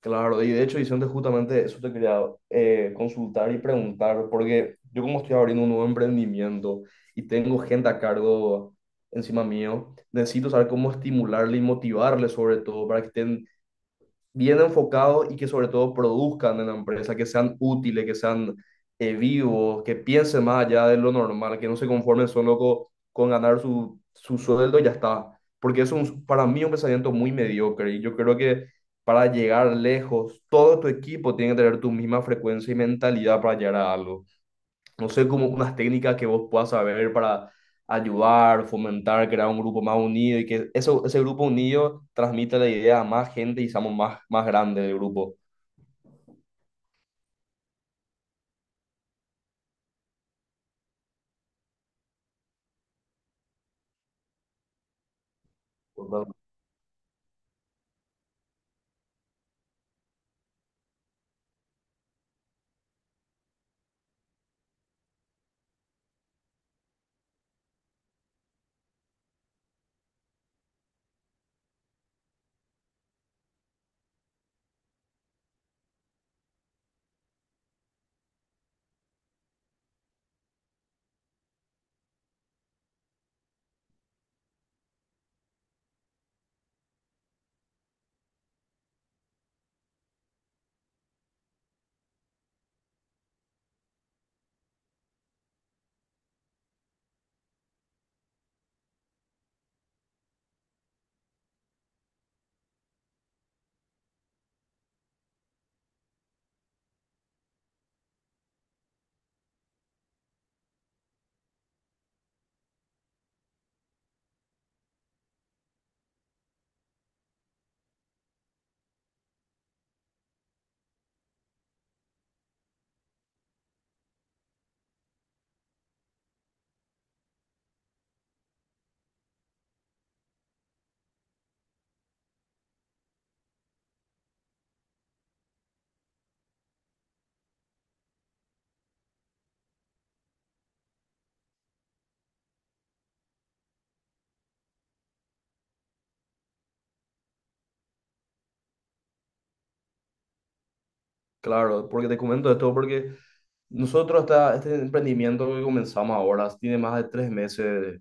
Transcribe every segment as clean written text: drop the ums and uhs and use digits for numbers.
Claro, y de hecho, Vicente, justamente eso te quería consultar y preguntar, porque yo, como estoy abriendo un nuevo emprendimiento y tengo gente a cargo encima mío, necesito saber cómo estimularle y motivarle, sobre todo para que estén bien enfocados y que sobre todo produzcan en la empresa, que sean útiles, que sean vivos, que piensen más allá de lo normal, que no se conformen solo con ganar su sueldo y ya está. Porque eso es para mí un pensamiento muy mediocre, y yo creo que para llegar lejos, todo tu equipo tiene que tener tu misma frecuencia y mentalidad para llegar a algo. No sé, como unas técnicas que vos puedas saber para ayudar, fomentar, crear un grupo más unido, y que eso, ese grupo unido transmita la idea a más gente y seamos más, más grande el grupo. ¿Verdad? Claro, porque te comento esto, porque nosotros, este emprendimiento que comenzamos ahora tiene más de tres meses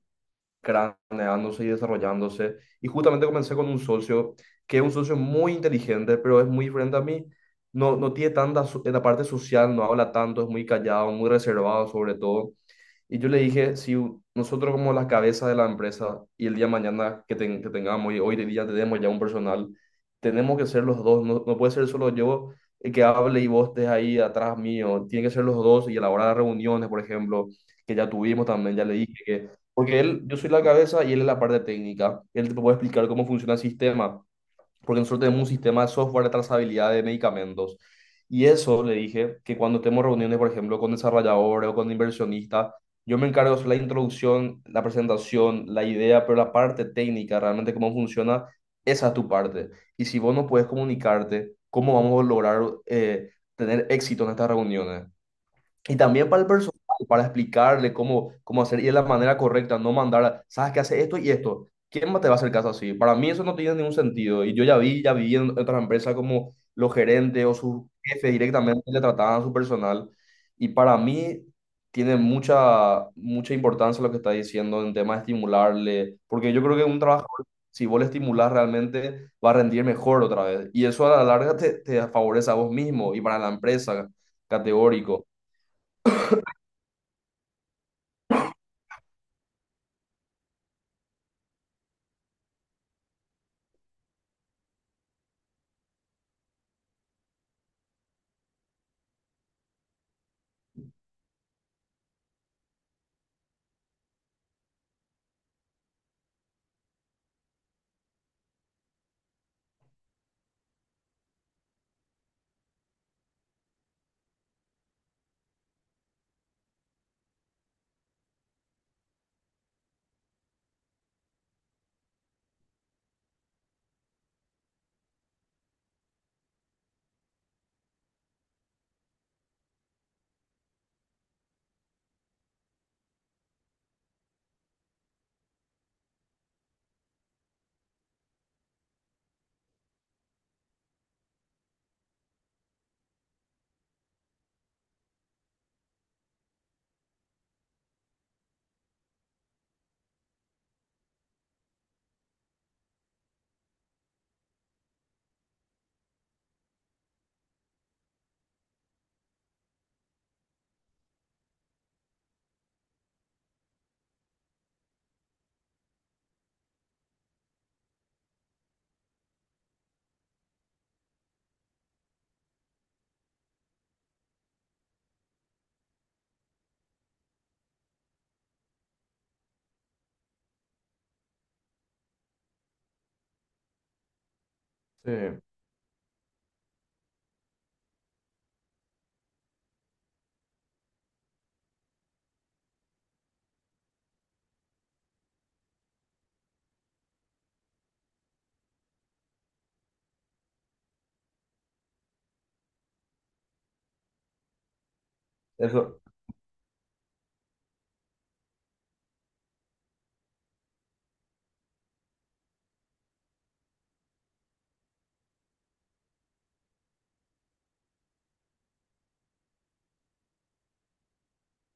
craneándose y desarrollándose. Y justamente comencé con un socio que es un socio muy inteligente, pero es muy diferente a mí. No, no tiene tanta en la parte social, no habla tanto, es muy callado, muy reservado sobre todo. Y yo le dije, si nosotros, como la cabeza de la empresa, y el día de mañana que, que tengamos, y hoy de día tenemos ya un personal, tenemos que ser los dos, no, no puede ser solo yo el que hable y vos estés ahí atrás mío, tiene que ser los dos. Y a la hora de reuniones, por ejemplo, que ya tuvimos también, ya le dije que, porque él, yo soy la cabeza y él es la parte técnica, él te puede explicar cómo funciona el sistema, porque nosotros tenemos un sistema de software de trazabilidad de medicamentos. Y eso le dije, que cuando tenemos reuniones, por ejemplo, con desarrolladores o con inversionistas, yo me encargo de hacer la introducción, la presentación, la idea, pero la parte técnica, realmente cómo funciona, esa es tu parte. Y si vos no puedes comunicarte, ¿cómo vamos a lograr tener éxito en estas reuniones? Y también para el personal, para explicarle cómo, cómo hacer, y de la manera correcta, no mandar, sabes que hace esto y esto. ¿Quién más te va a hacer caso así? Para mí eso no tiene ningún sentido. Y yo ya vi en otras empresas como los gerentes o sus jefes directamente le trataban a su personal. Y para mí tiene mucha, mucha importancia lo que está diciendo en tema de estimularle, porque yo creo que un trabajador, si vos le estimulas realmente, va a rendir mejor otra vez. Y eso a la larga te, te favorece a vos mismo y para la empresa, categórico. Sí, eso,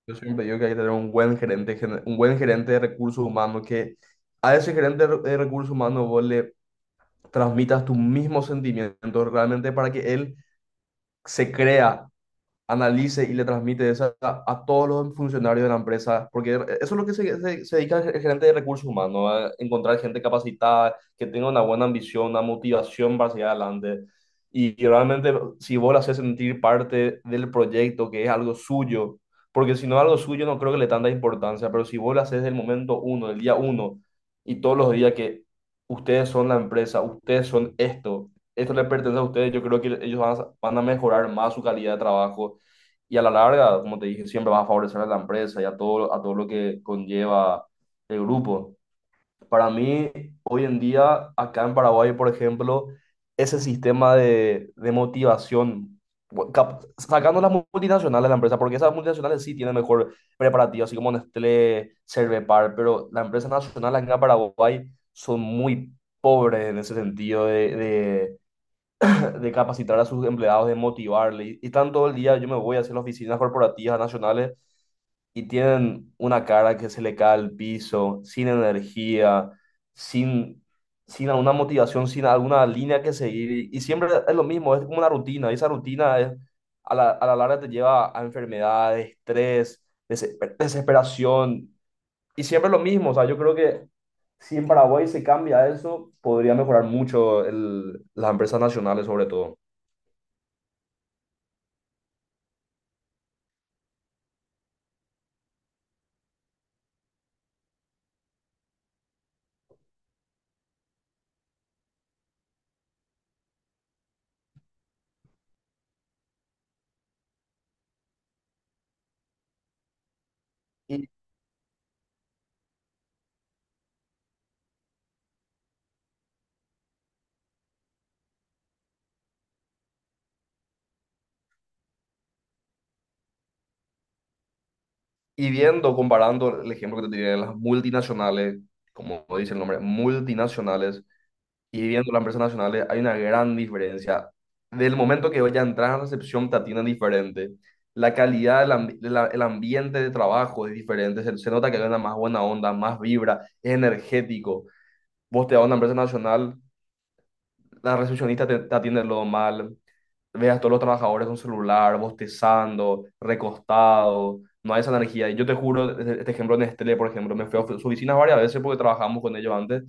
yo siempre digo que hay que tener un buen gerente, un buen gerente de recursos humanos, que a ese gerente de de recursos humanos vos le transmitas tus mismos sentimientos realmente, para que él se crea, analice y le transmite esa a todos los funcionarios de la empresa, porque eso es lo que se, se dedica el gerente de recursos humanos, ¿no?, a encontrar gente capacitada, que tenga una buena ambición, una motivación para seguir adelante. Y realmente, si vos le haces sentir parte del proyecto, que es algo suyo, porque si no es algo suyo, no creo que le tanta importancia, pero si vos le haces del momento uno, del día uno, y todos los días, que ustedes son la empresa, ustedes son esto, esto le pertenece a ustedes, yo creo que ellos van a, van a mejorar más su calidad de trabajo, y a la larga, como te dije, siempre vas a favorecer a la empresa y a todo lo que conlleva el grupo. Para mí, hoy en día, acá en Paraguay, por ejemplo, ese sistema de motivación, sacando las multinacionales de la empresa, porque esas multinacionales sí tienen mejor preparativo, así como Nestlé, Cervepar, pero las empresas nacionales acá en Paraguay son muy pobres en ese sentido de capacitar a sus empleados, de motivarle. Y están todo el día, yo me voy hacia las oficinas corporativas nacionales y tienen una cara que se le cae al piso, sin energía, sin, sin alguna motivación, sin alguna línea que seguir. Y siempre es lo mismo, es como una rutina. Y esa rutina es, a la larga te lleva a enfermedades, estrés, desesperación. Y siempre es lo mismo. O sea, yo creo que si en Paraguay se cambia eso, podría mejorar mucho las empresas nacionales sobre todo. Y, y viendo, comparando el ejemplo que te tiré de las multinacionales, como dice el nombre, multinacionales, y viendo las empresas nacionales, hay una gran diferencia. Del momento que vaya a entrar a recepción, te atienden diferente. La calidad, del el ambiente de trabajo es diferente. Se nota que hay una más buena onda, más vibra, es energético. Vos te vas a una empresa nacional, la recepcionista te, te atiende lo mal, veas a todos los trabajadores con celular, bostezando, recostado, no hay esa energía. Y yo te juro, este este ejemplo de Nestlé, por ejemplo, me fui a su oficina varias veces porque trabajamos con ellos antes,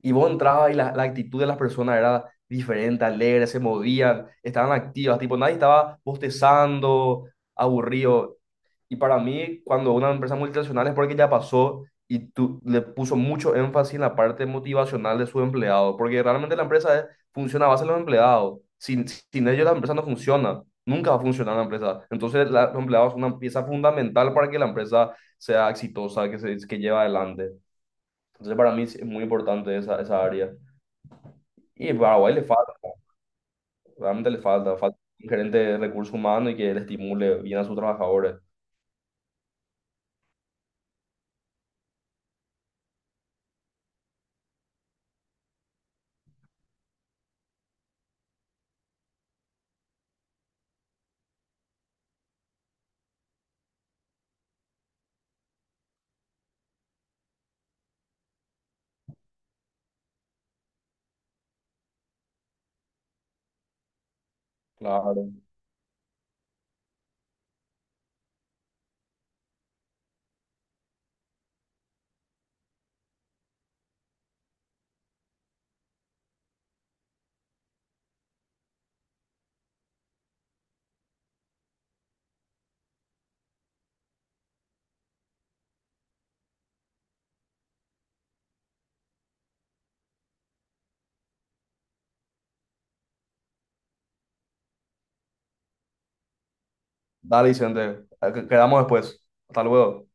y vos entrabas y la actitud de las personas era diferente, alegre, se movían, estaban activas, tipo, nadie estaba bostezando, aburrido. Y para mí, cuando una empresa multinacional es porque ya pasó y tú le puso mucho énfasis en la parte motivacional de su empleado, porque realmente la empresa funciona a base de los empleados. Sin, sin ellos la empresa no funciona, nunca va a funcionar la empresa. Entonces los empleados son una pieza fundamental para que la empresa sea exitosa, que se que lleve adelante. Entonces para mí es muy importante esa, esa área. Y a Paraguay le falta, realmente le falta, falta un gerente de recursos humanos y que le estimule bien a sus trabajadores. Claro. Dale, Vicente. Quedamos después. Hasta luego.